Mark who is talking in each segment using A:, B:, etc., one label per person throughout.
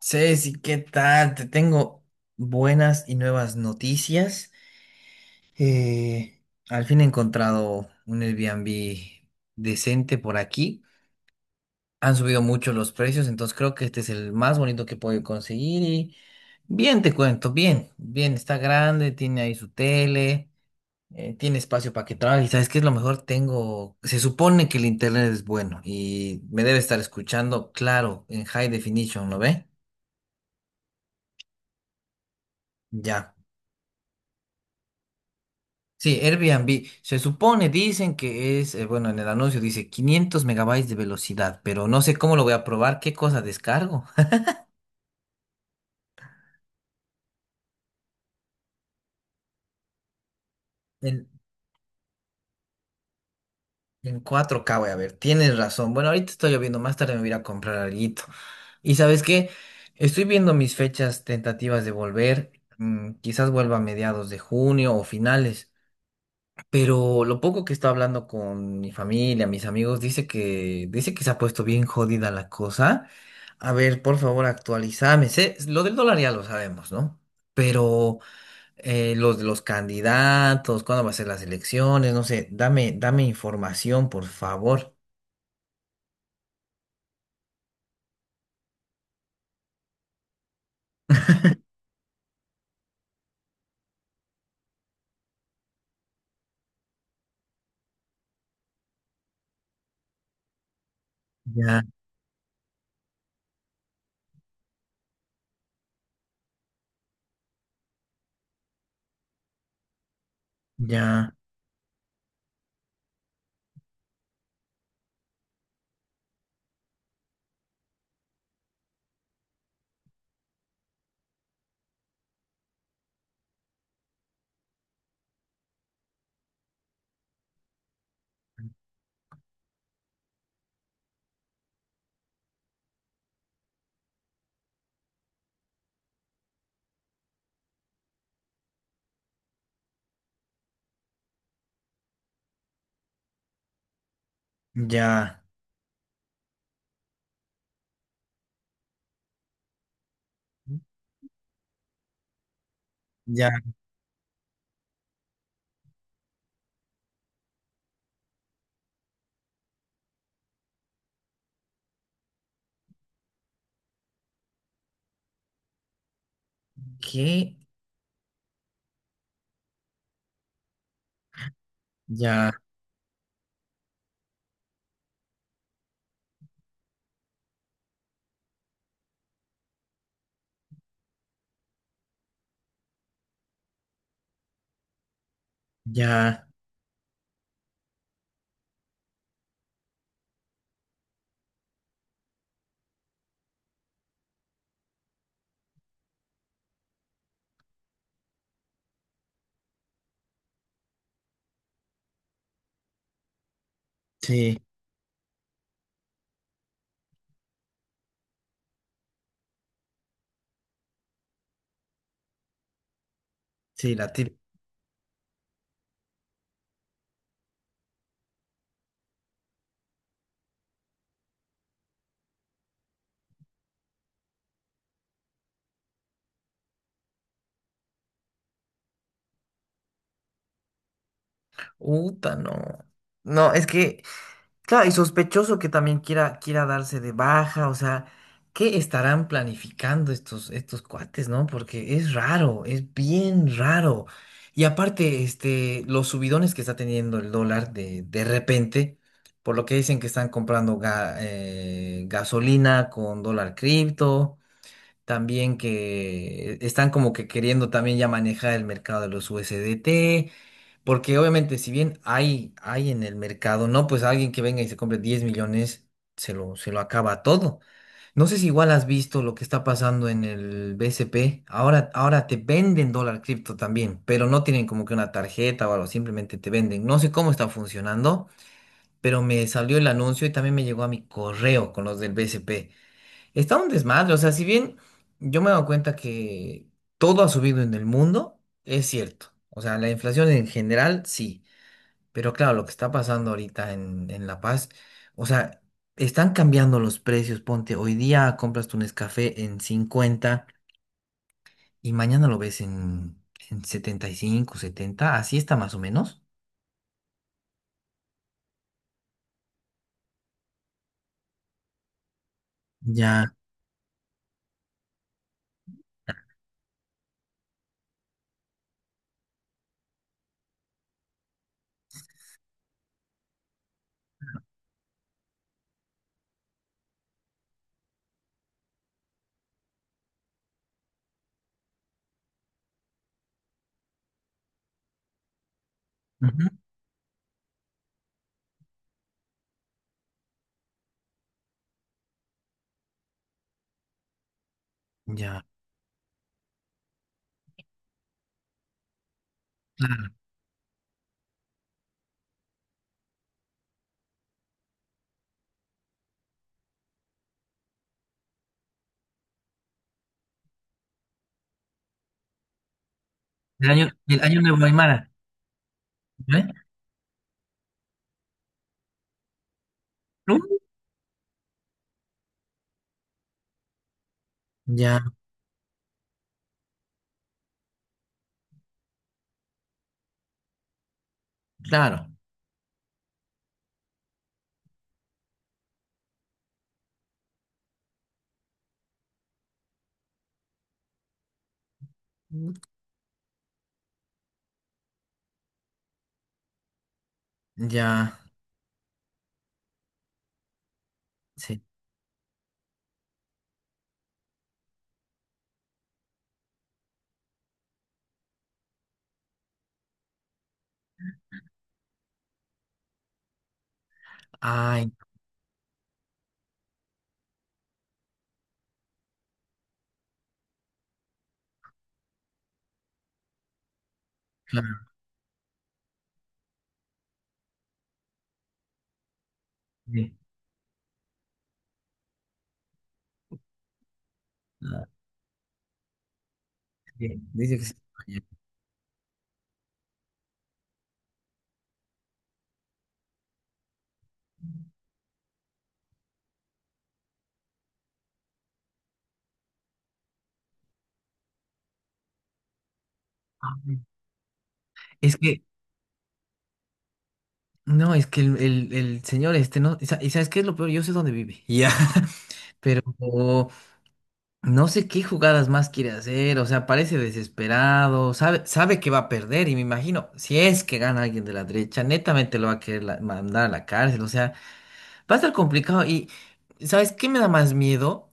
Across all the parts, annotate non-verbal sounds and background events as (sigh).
A: Ceci, ¿qué tal? Te tengo buenas y nuevas noticias. Eh, Al fin he encontrado un Airbnb decente por aquí. Han subido mucho los precios, entonces creo que este es el más bonito que puedo conseguir. Y bien, te cuento, bien, bien, está grande, tiene ahí su tele, tiene espacio para que trabaje. ¿Y sabes qué es lo mejor? Tengo, se supone que el internet es bueno y me debe estar escuchando, claro, en high definition, ¿lo ve? Ya. Sí, Airbnb. Se supone, dicen que es, bueno, en el anuncio dice 500 MB de velocidad, pero no sé cómo lo voy a probar, qué cosa descargo. (laughs) En, en 4K voy a ver, tienes razón. Bueno, ahorita está lloviendo, más tarde me voy a ir a comprar alguito. Y ¿sabes qué? Estoy viendo mis fechas tentativas de volver. Quizás vuelva a mediados de junio o finales. Pero lo poco que está hablando con mi familia, mis amigos, dice que se ha puesto bien jodida la cosa. A ver, por favor, actualizame. Lo del dólar ya lo sabemos, ¿no? Pero los de los candidatos, cuándo va a ser las elecciones, no sé, dame información, por favor. Ya, ya, ya, ya. ¿Qué? Ya, ya, sí, sí, la tira. Uta, no. No, es que. Claro, y sospechoso que también quiera darse de baja, o sea, ¿qué estarán planificando estos cuates, no? Porque es raro, es bien raro. Y aparte, los subidones que está teniendo el dólar de repente, por lo que dicen que están comprando gasolina con dólar cripto, también que están como que queriendo también ya manejar el mercado de los USDT. Porque obviamente, si bien hay en el mercado, no, pues alguien que venga y se compre 10 millones, se lo acaba todo. No sé si igual has visto lo que está pasando en el BCP. Ahora te venden dólar cripto también, pero no tienen como que una tarjeta o algo, simplemente te venden. No sé cómo está funcionando, pero me salió el anuncio y también me llegó a mi correo con los del BCP. Está un desmadre, o sea, si bien yo me he dado cuenta que todo ha subido en el mundo, es cierto. O sea, la inflación en general, sí. Pero claro, lo que está pasando ahorita en La Paz, o sea, están cambiando los precios. Ponte, hoy día compras tu Nescafé en 50 y mañana lo ves en 75 70 así está más o menos. Ya, ujú, ya, claro. El año nuevo Aymara, ¿eh? Uh, Ya, claro, ya, sí. Ay, claro. Sí, ah, sí. Dice que sí. Ay. Es que no, es que el señor este no, y y ¿sabes qué es lo peor? Yo sé dónde vive. Ya. (laughs) Pero no sé qué jugadas más quiere hacer, o sea, parece desesperado, sabe que va a perder y me imagino, si es que gana alguien de la derecha, netamente lo va a querer mandar a la cárcel, o sea, va a estar complicado. Y ¿sabes qué me da más miedo?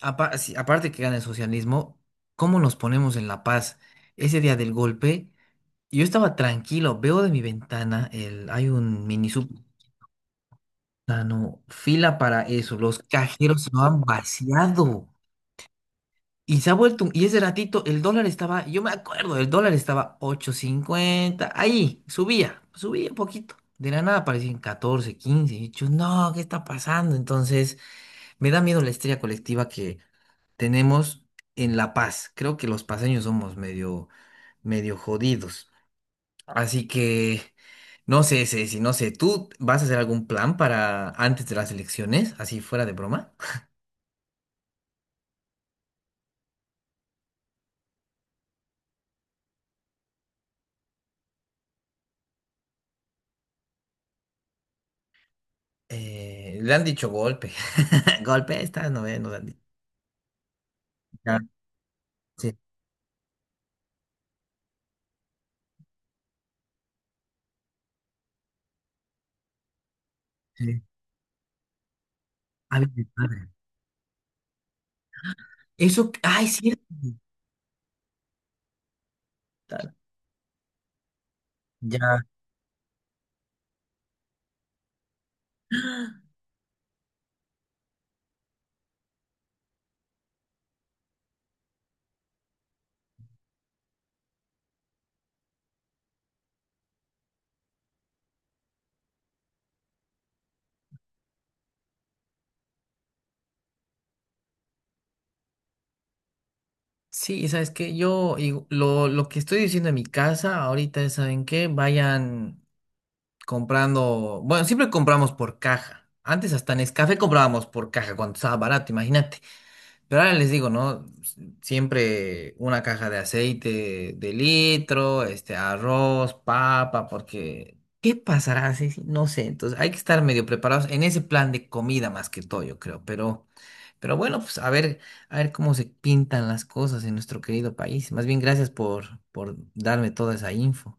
A: Aparte que gana el socialismo, ¿cómo nos ponemos en La Paz? Ese día del golpe, yo estaba tranquilo, veo de mi ventana, el, hay un mini sea, no, fila para eso. Los cajeros se lo han vaciado. Y se ha vuelto, y ese ratito el dólar estaba, yo me acuerdo, el dólar estaba 8,50 ahí, subía, subía un poquito. De la nada aparecían 14 15. Y yo, no, ¿qué está pasando? Entonces, me da miedo la estrella colectiva que tenemos en La Paz. Creo que los paseños somos medio, medio jodidos. Así que, no sé, Ceci, no sé, ¿tú vas a hacer algún plan para antes de las elecciones, así fuera de broma? Le han dicho golpe. (laughs) Golpe, esta no ve, nos han dicho. Ya, sí, sí. Ah, bien, padre. Eso, ay, cierto. Tal. Ya. Sí, ¿sabes qué? Yo y lo que estoy diciendo en mi casa ahorita es, ¿saben qué? Vayan comprando, bueno, siempre compramos por caja. Antes hasta en Nescafé comprábamos por caja cuando estaba barato, imagínate. Pero ahora les digo, ¿no? Siempre una caja de aceite de litro, este, arroz, papa, porque ¿qué pasará? Sí, sí, no sé. Entonces hay que estar medio preparados en ese plan de comida más que todo, yo creo. Pero bueno, pues a ver cómo se pintan las cosas en nuestro querido país. Más bien, gracias por darme toda esa info.